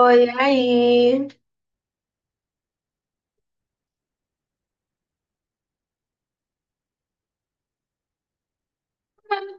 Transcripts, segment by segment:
Oi, aí.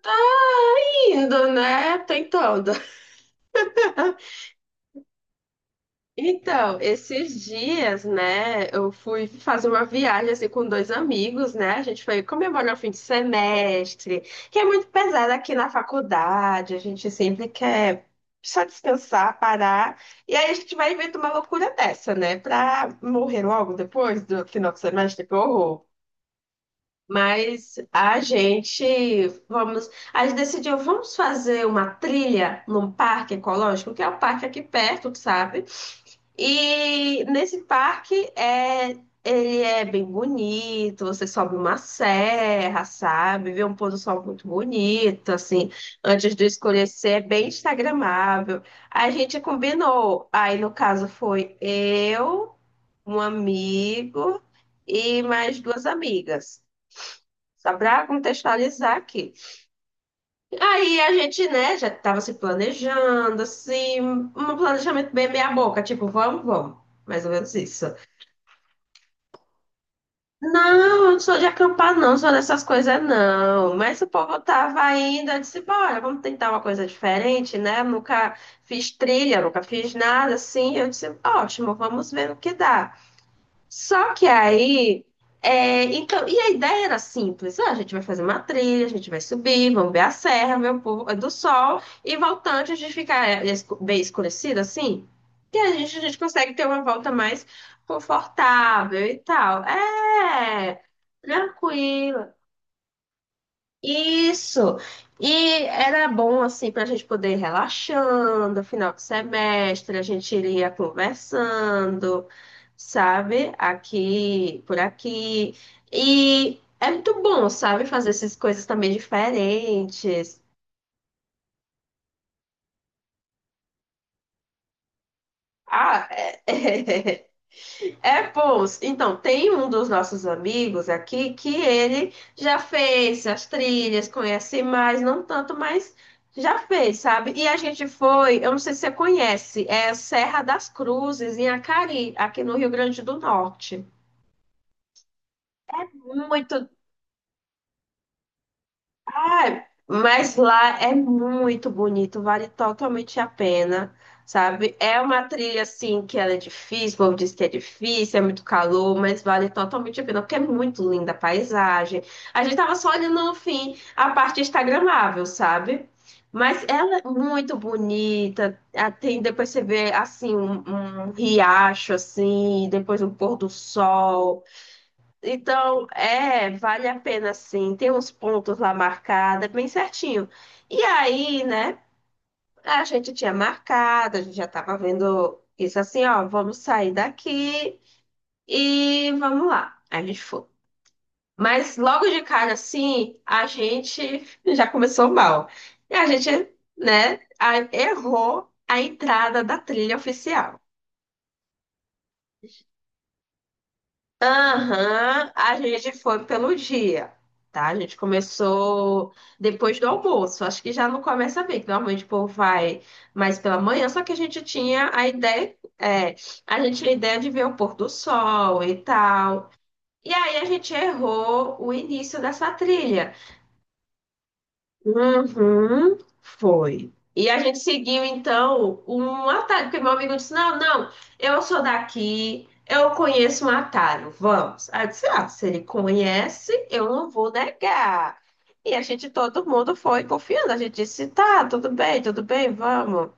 Tá indo, né? Tentando. Então, esses dias, né, eu fui fazer uma viagem assim com dois amigos, né? A gente foi comemorar o fim de semestre, que é muito pesado aqui na faculdade, a gente sempre quer só descansar, parar. E aí a gente vai inventar uma loucura dessa, né? Pra morrer logo depois do final do semestre, que horror. Mas a gente vamos, a gente decidiu, vamos fazer uma trilha num parque ecológico, que é o parque aqui perto, tu sabe? E nesse parque ele é bem bonito, você sobe uma serra, sabe? Vê um pôr do sol muito bonito, assim, antes do escurecer, é bem instagramável. A gente combinou, aí no caso foi eu, um amigo e mais duas amigas. Só para contextualizar aqui. Aí a gente, né, já estava se planejando, assim, um planejamento bem meia-boca, tipo, vamos, vamos. Mais ou menos isso. Não, eu não sou de acampar, não, não sou dessas coisas, não. Mas o povo tava ainda, eu disse, bora, vamos tentar uma coisa diferente, né? Eu nunca fiz trilha, nunca fiz nada assim. Eu disse, ótimo, vamos ver no que dá. Só que aí, então, e a ideia era simples: ah, a gente vai fazer uma trilha, a gente vai subir, vamos ver a serra, ver o povo é do sol, e voltando, a gente fica bem escurecido assim, e a gente consegue ter uma volta mais confortável e tal. É, tranquilo. Isso. E era bom assim para a gente poder ir relaxando, final de semestre, a gente iria conversando, sabe? Aqui, por aqui. E é muito bom, sabe, fazer essas coisas também diferentes. Ah, é. É, pô, então, tem um dos nossos amigos aqui que ele já fez as trilhas, conhece mais, não tanto, mas já fez, sabe? E a gente foi, eu não sei se você conhece, é Serra das Cruzes, em Acari, aqui no Rio Grande do Norte. Muito. Ah, mas lá é muito bonito, vale totalmente a pena, sabe? É uma trilha assim que ela é difícil, o povo diz que é difícil, é muito calor, mas vale totalmente a pena, porque é muito linda a paisagem. A gente tava só olhando no fim a parte instagramável, sabe? Mas ela é muito bonita, ah, tem depois você vê assim um, um riacho assim, depois um pôr do sol. Então, é, vale a pena sim. Tem uns pontos lá marcados, é bem certinho. E aí, né, a gente tinha marcado, a gente já tava vendo isso assim, ó, vamos sair daqui e vamos lá. Aí a gente foi. Mas logo de cara, assim, a gente já começou mal. E a gente, né, errou a entrada da trilha oficial. Aham, a gente foi pelo dia, tá? A gente começou depois do almoço. Acho que já não começa bem, que normalmente o povo vai mais pela manhã, só que a gente tinha a ideia, a gente tinha a ideia de ver o pôr do sol e tal. E aí a gente errou o início dessa trilha. Uhum, foi. E a gente seguiu, então, um atalho, porque meu amigo disse: Não, não, eu sou daqui, eu conheço um atalho, vamos. Aí eu disse: Ah, se ele conhece, eu não vou negar. E a gente, todo mundo foi confiando. A gente disse: Tá, tudo bem, vamos.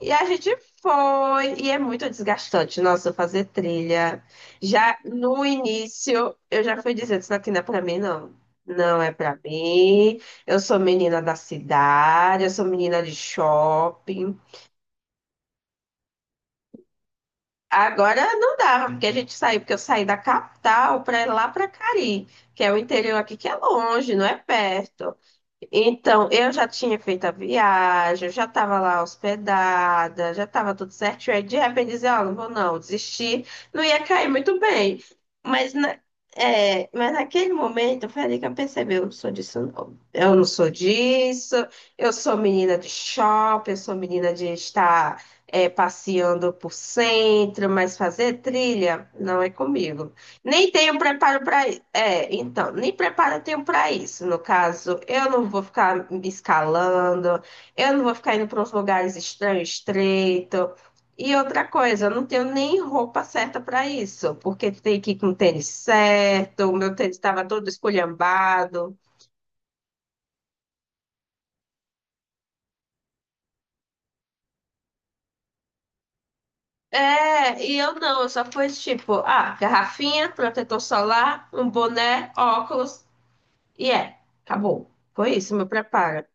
E a gente foi, e é muito desgastante, nossa, fazer trilha. Já no início, eu já fui dizendo, isso aqui não é pra mim, não. Não é pra mim. Eu sou menina da cidade, eu sou menina de shopping. Agora não dava, porque a gente saiu, porque eu saí da capital para ir lá para Cari, que é o interior aqui que é longe, não é perto. Então, eu já tinha feito a viagem, eu já estava lá hospedada, já estava tudo certo. Aí, de repente, dizer, ó, não vou não, desistir, não ia cair muito bem. Mas, na, mas naquele momento, foi ali que eu percebi, eu não sou disso, não. Eu não sou disso, eu sou menina de shopping, eu sou menina de estar, passeando por centro, mas fazer trilha não é comigo. Nem tenho preparo para então, nem preparo eu tenho para isso. No caso, eu não vou ficar me escalando, eu não vou ficar indo para uns lugares estranhos, estreito. E outra coisa, eu não tenho nem roupa certa para isso, porque tem que ir com o tênis certo, o meu tênis estava todo esculhambado. É, e eu não, eu só fui tipo, ah, garrafinha, protetor solar, um boné, óculos, e é, acabou. Foi isso, meu preparo.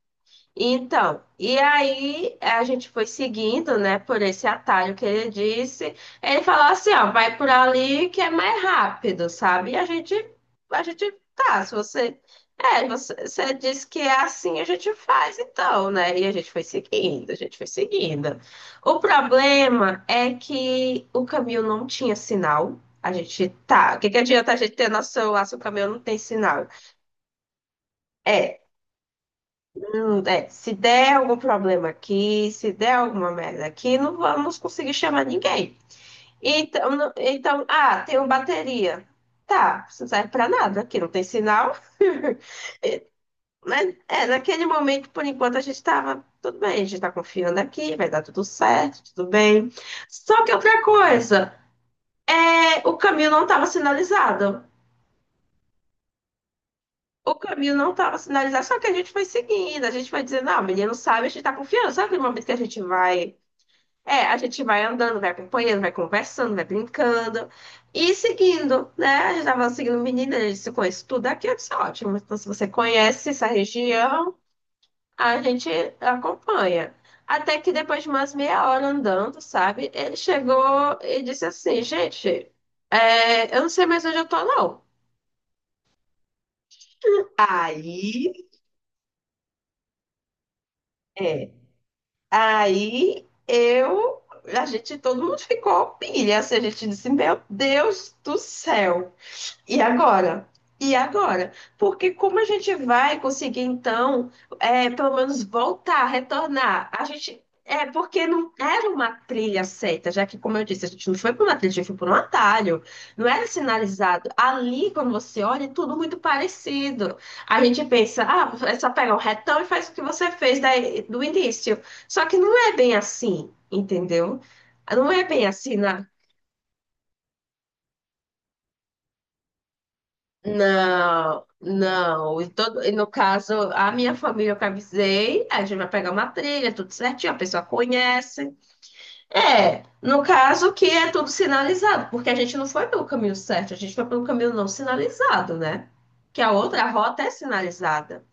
Então, e aí a gente foi seguindo, né, por esse atalho que ele disse. Ele falou assim, ó, vai por ali que é mais rápido, sabe? E a gente tá, se você, é, você, você disse que é assim, a gente faz então, né? E a gente foi seguindo, a gente foi seguindo. O problema é que o caminho não tinha sinal. A gente tá, o que que adianta a gente ter nosso celular se o caminho não tem sinal? É, É, se der algum problema aqui, se der alguma merda aqui, não vamos conseguir chamar ninguém. Então, não- então, ah, tenho bateria. Tá, isso não serve pra nada, aqui não tem sinal. Mas é, naquele momento, por enquanto, a gente estava tudo bem, a gente está confiando aqui, vai dar tudo certo, tudo bem. Só que outra coisa, o caminho não estava sinalizado. O caminho não estava sinalizado, só que a gente foi seguindo, a gente vai dizendo, não, o menino sabe, a gente está confiando. Sabe aquele momento que a gente vai É, a gente vai andando, vai acompanhando, vai conversando, vai brincando e seguindo, né? A gente tava seguindo o menino, ele disse, conheço tudo aqui, eu disse, ótimo. Então, se você conhece essa região, a gente acompanha. Até que depois de umas meia hora andando, sabe? Ele chegou e disse assim, gente, eu não sei mais onde eu tô, não. Aí, é, aí eu, a gente, todo mundo ficou pilha, assim, a gente disse, meu Deus do céu. E agora? E agora? Porque como a gente vai conseguir, então, pelo menos voltar, retornar? A gente. É porque não era uma trilha certa, já que, como eu disse, a gente não foi por uma trilha, a gente foi por um atalho, não era sinalizado. Ali, quando você olha, é tudo muito parecido. A gente pensa, ah, é só pegar um retão e faz o que você fez do início. Só que não é bem assim, entendeu? Não é bem assim. Não, não. E, todo, e no caso, a minha família eu que avisei, a gente vai pegar uma trilha, tudo certinho, a pessoa conhece. É, no caso que é tudo sinalizado, porque a gente não foi pelo caminho certo, a gente foi pelo caminho não sinalizado, né? Que a outra rota é sinalizada.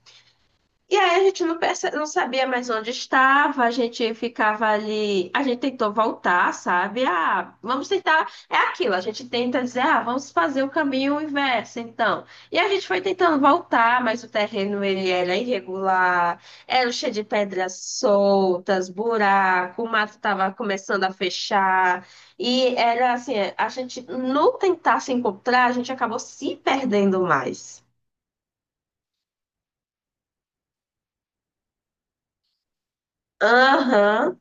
E aí a gente não, não sabia mais onde estava, a gente ficava ali, a gente tentou voltar, sabe? Ah, vamos tentar, é aquilo, a gente tenta dizer, ah, vamos fazer o caminho inverso, então. E a gente foi tentando voltar, mas o terreno ele era irregular, era cheio de pedras soltas, buraco, o mato estava começando a fechar, e era assim, a gente no tentar se encontrar, a gente acabou se perdendo mais. Aham,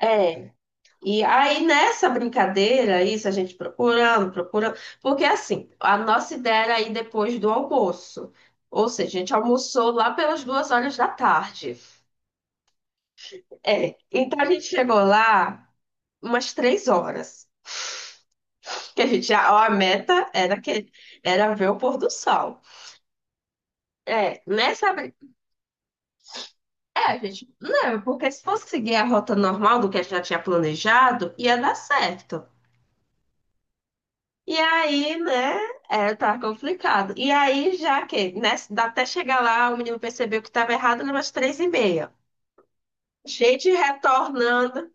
é. E aí, nessa brincadeira, isso a gente procurando, procurando, porque assim, a nossa ideia era ir depois do almoço. Ou seja, a gente almoçou lá pelas 2 horas da tarde. É, então a gente chegou lá umas 3 horas. Que a gente já, ó, a meta era que era ver o pôr do sol. É, a gente, não, porque se fosse seguir a rota normal do que a gente já tinha planejado, ia dar certo. E aí, né? É, tá complicado. E aí, já que, né, dá até chegar lá, o menino percebeu que estava errado, né, umas 3:30. Gente retornando.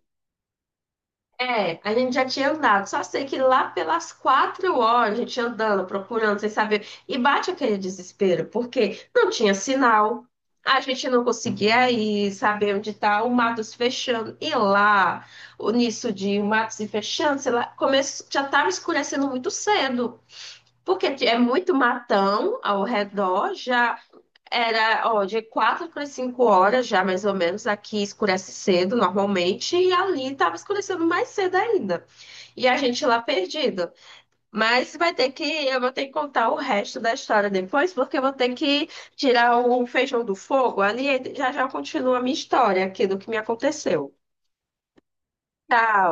É, a gente já tinha andado. Só sei que lá pelas 4 horas, a gente andando, procurando, sem saber. E bate aquele desespero, porque não tinha sinal. A gente não conseguia ir, saber onde tá o mato se fechando. E lá, o nisso de o mato se fechando, sei lá, começou, já estava escurecendo muito cedo. Porque é muito matão ao redor, já era, ó, de 4 para 5 horas já, mais ou menos, aqui escurece cedo normalmente, e ali estava escurecendo mais cedo ainda. E a gente lá perdido. Mas eu vou ter que contar o resto da história depois, porque eu vou ter que tirar o feijão do fogo ali, e já já continua a minha história aqui do que me aconteceu. Tchau.